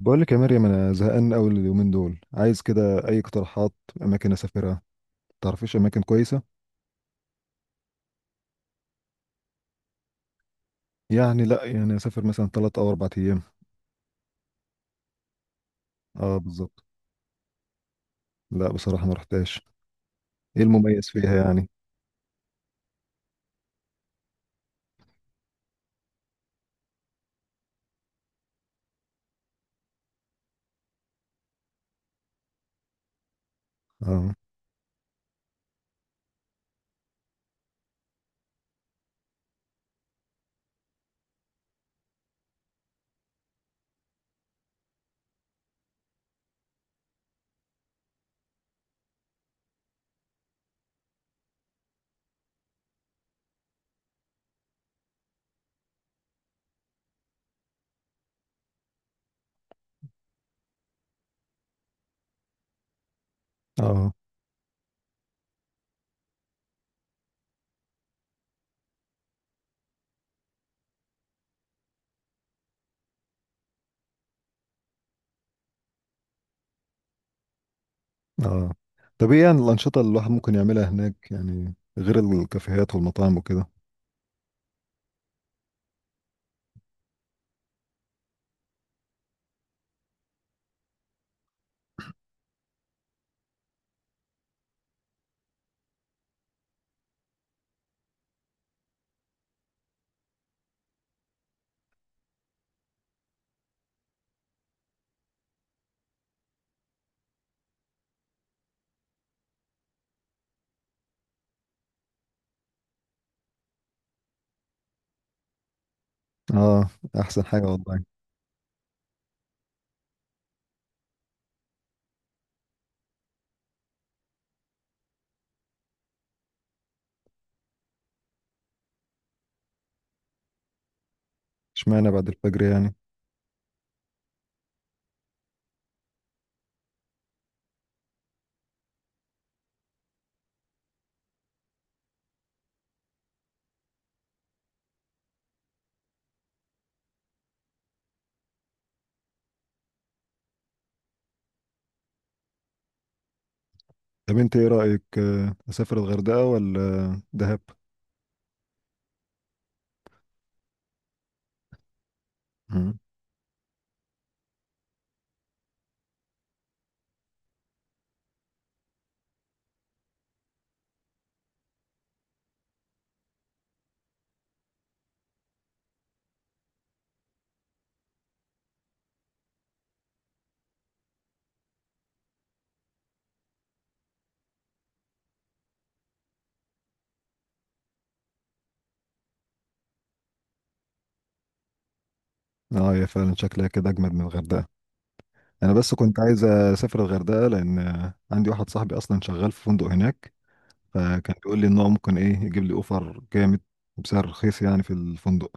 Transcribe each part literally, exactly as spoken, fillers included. بقول لك يا مريم، انا زهقان قوي اليومين دول، عايز كده اي اقتراحات اماكن اسافرها. تعرفيش اماكن كويسه؟ يعني لا، يعني اسافر مثلا ثلاثة او أربعة ايام. اه، بالظبط. لا بصراحه ما رحتهاش. ايه المميز فيها يعني؟ اه. اه. اه. طب ايه يعني الانشطه اللي الواحد ممكن يعملها هناك يعني، غير الكافيهات والمطاعم وكده؟ اه، احسن حاجه والله. اشمعنى بعد الفجر يعني؟ طب انت ايه رايك، آه، اسافر الغردقه ولا دهب؟ مم. اه، يا فعلا شكلها كده اجمد من الغردقه. انا بس كنت عايز اسافر الغردقه لان عندي واحد صاحبي اصلا شغال في فندق هناك، فكان بيقول لي ان هو ممكن ايه يجيب لي اوفر جامد وبسعر رخيص يعني في الفندق.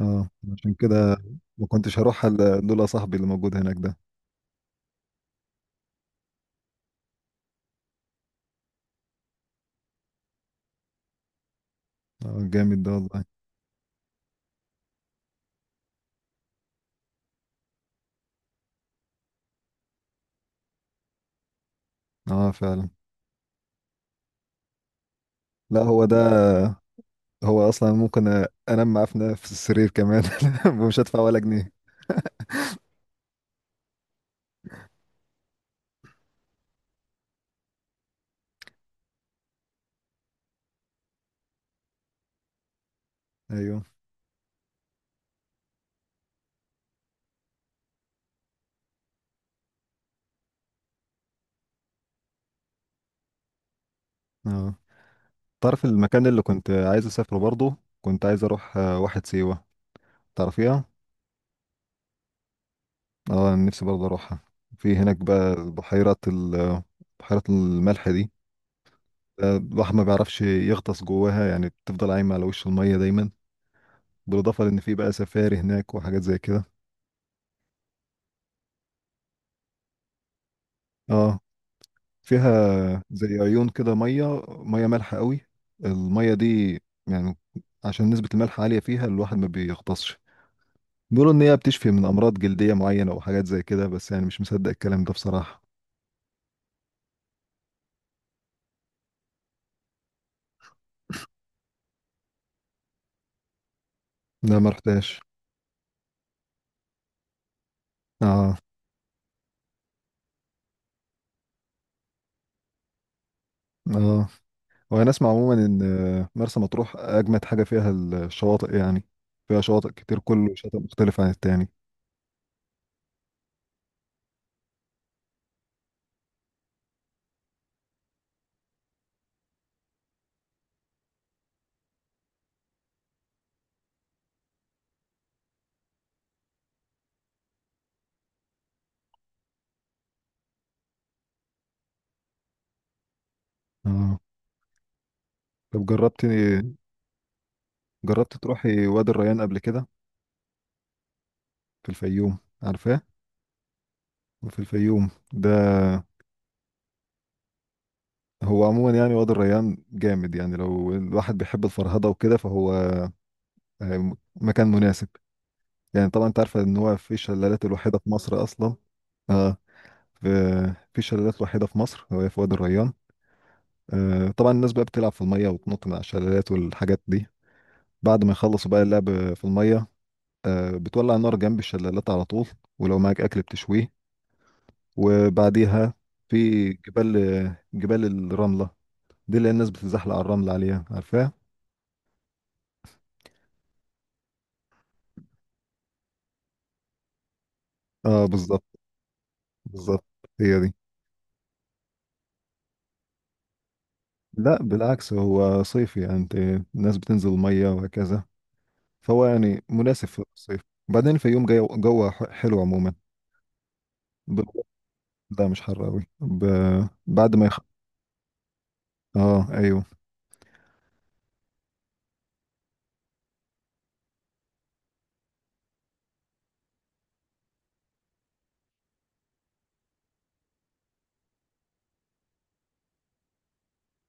اه، عشان كده. ما كنتش هروح إلا لولا صاحبي اللي موجود هناك ده. اه، جامد ده والله. اه، فعلا. لا، هو ده. هو اصلا ممكن انام معاه في نفس السرير كمان. ومش هدفع ولا جنيه. ايوه. اه. تعرف المكان اللي كنت عايز اسافره برضه؟ كنت عايز اروح آه، واحد سيوه، تعرفيها؟ اه، أنا نفسي برضه اروحها. في هناك بقى بحيرة ال، بحيرة الملح دي، آه، الواحد ما بيعرفش يغطس جواها يعني، بتفضل عايمة على وش المية دايما. بالإضافة لأن في بقى سفاري هناك وحاجات زي كده. اه. فيها زي عيون كده، مية مية مالحة قوي، المية دي، يعني عشان نسبة الملح عالية فيها الواحد ما بيغطسش. بيقولوا إن هي بتشفي من أمراض جلدية معينة وحاجات زي كده، بس يعني مش مصدق الكلام ده بصراحة. لا، ما رحتهاش. اه. اه، وانا اسمع عموما ان مرسى مطروح اجمد حاجه فيها الشواطئ يعني، فيها شواطئ كتير، كل شاطئ مختلف عن التاني. اه. طب جربت، جربت تروحي وادي الريان قبل كده؟ في الفيوم، عارفاه؟ في الفيوم ده، هو عموما يعني وادي الريان جامد يعني، لو الواحد بيحب الفرهده وكده فهو آه، مكان مناسب. يعني طبعا انت عارفه ان هو في الشلالات الوحيده في مصر اصلا. اه. في في شلالات وحيده في مصر، وهي في وادي الريان. آه، طبعا الناس بقى بتلعب في المية وتنط من على الشلالات والحاجات دي. بعد ما يخلصوا بقى اللعب في المية، آه، بتولع نار جنب الشلالات على طول، ولو معاك أكل بتشويه. وبعديها في جبال، آه، جبال الرملة، دي اللي الناس بتتزحلق على الرمل عليها، عارفاها؟ اه، بالظبط. بالظبط، هي دي. لا، بالعكس هو صيفي. يعني انت، الناس بتنزل المية وهكذا، فهو يعني مناسب في الصيف. وبعدين الفيوم جو جوه حلو عموما. ب- لا، مش حر قوي. ب... بعد ما يخلص. اه، ايوه.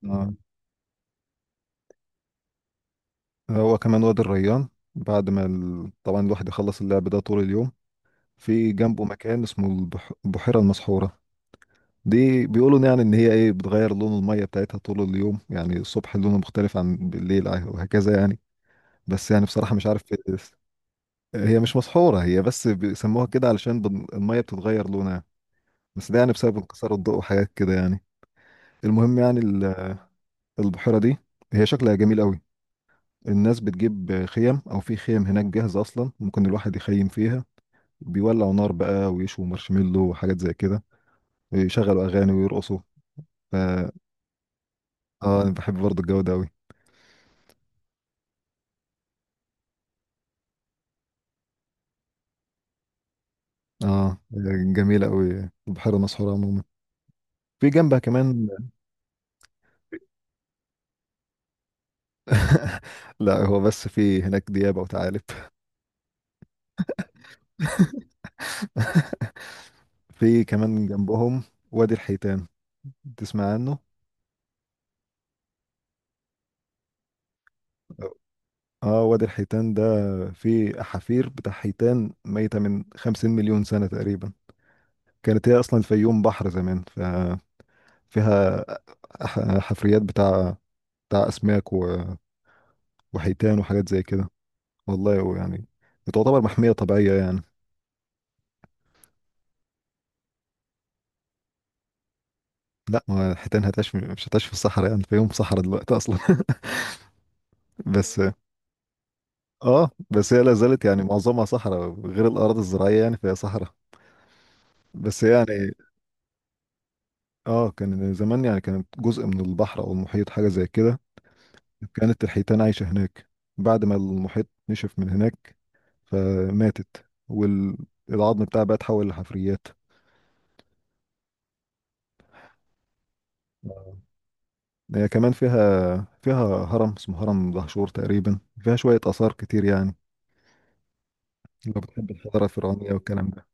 اه، هو كمان وادي الريان، بعد ما ال... طبعا الواحد يخلص اللعب ده طول اليوم، في جنبه مكان اسمه البح... البحيرة المسحورة. دي بيقولوا يعني ان هي ايه، بتغير لون المية بتاعتها طول اليوم، يعني الصبح لونه مختلف عن بالليل ع- وهكذا يعني. بس يعني بصراحة مش عارف إيه- هي مش مسحورة، هي بس بيسموها كده علشان بن- المية بتتغير لونها، بس ده يعني بسبب انكسار الضوء وحاجات كده يعني. المهم يعني ال- البحيرة دي، هي شكلها جميل قوي. الناس بتجيب خيم، او في خيم هناك جاهزه اصلا ممكن الواحد يخيم فيها، بيولعوا نار بقى ويشوا مارشميلو وحاجات زي كده، ويشغلوا اغاني ويرقصوا. ف، اه انا بحب برضه الجو ده قوي. اه، جميله قوي بحيره مسحوره عموما. في جنبها كمان. لا، هو بس في هناك ديابه وثعالب. في كمان جنبهم وادي الحيتان، تسمع عنه؟ اه، وادي الحيتان ده فيه احافير بتاع حيتان ميتة من خمسين مليون سنة تقريبا. كانت هي اصلا الفيوم بحر زمان، ف فيها ح- حفريات بتاع بتاع أسماك و، وحيتان وحاجات زي كده. والله، ويعني بتعتبر محمية طبيعية يعني. لا، ما الحيتان هتعيش، مش هتعيش في الصحراء. يعني في يوم صحراء دلوقتي أصلا. بس، اه بس هي لا زالت يعني معظمها صحراء غير الأراضي الزراعية، يعني فهي صحراء. بس يعني. اه، كان زمان يعني كانت جزء من البحر أو المحيط، حاجة زي كده. كانت الحيتان عايشة هناك، بعد ما المحيط نشف من هناك فماتت، والعظم بتاعها بقى اتحول لحفريات. هي كمان فيها فيها هرم اسمه هرم دهشور تقريبا، فيها شوية آثار كتير يعني، لو بتحب الحضارة الفرعونية والكلام ده.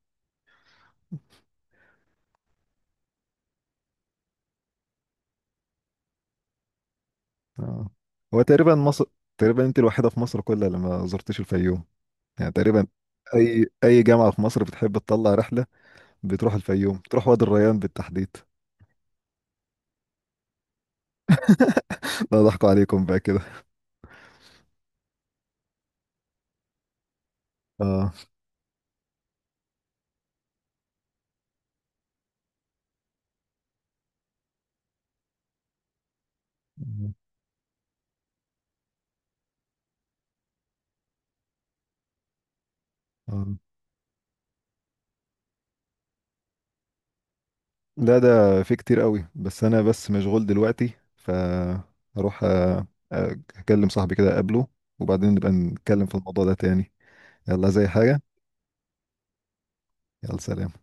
آه. هو تقريبا مصر، تقريبا انت الوحيدة في مصر كلها اللي ما زرتش الفيوم، يعني تقريبا. اي اي جامعة في مصر بتحب تطلع رحلة بتروح الفيوم، بتروح وادي الريان بالتحديد. لا، ضحكوا عليكم بقى كده. اه. آه. لا، ده في كتير قوي، بس انا بس مشغول دلوقتي، فاروح آه، اكلم صاحبي كده اقابله، وبعدين نبقى نتكلم في الموضوع ده تاني. يلا زي حاجة. يلا، سلام.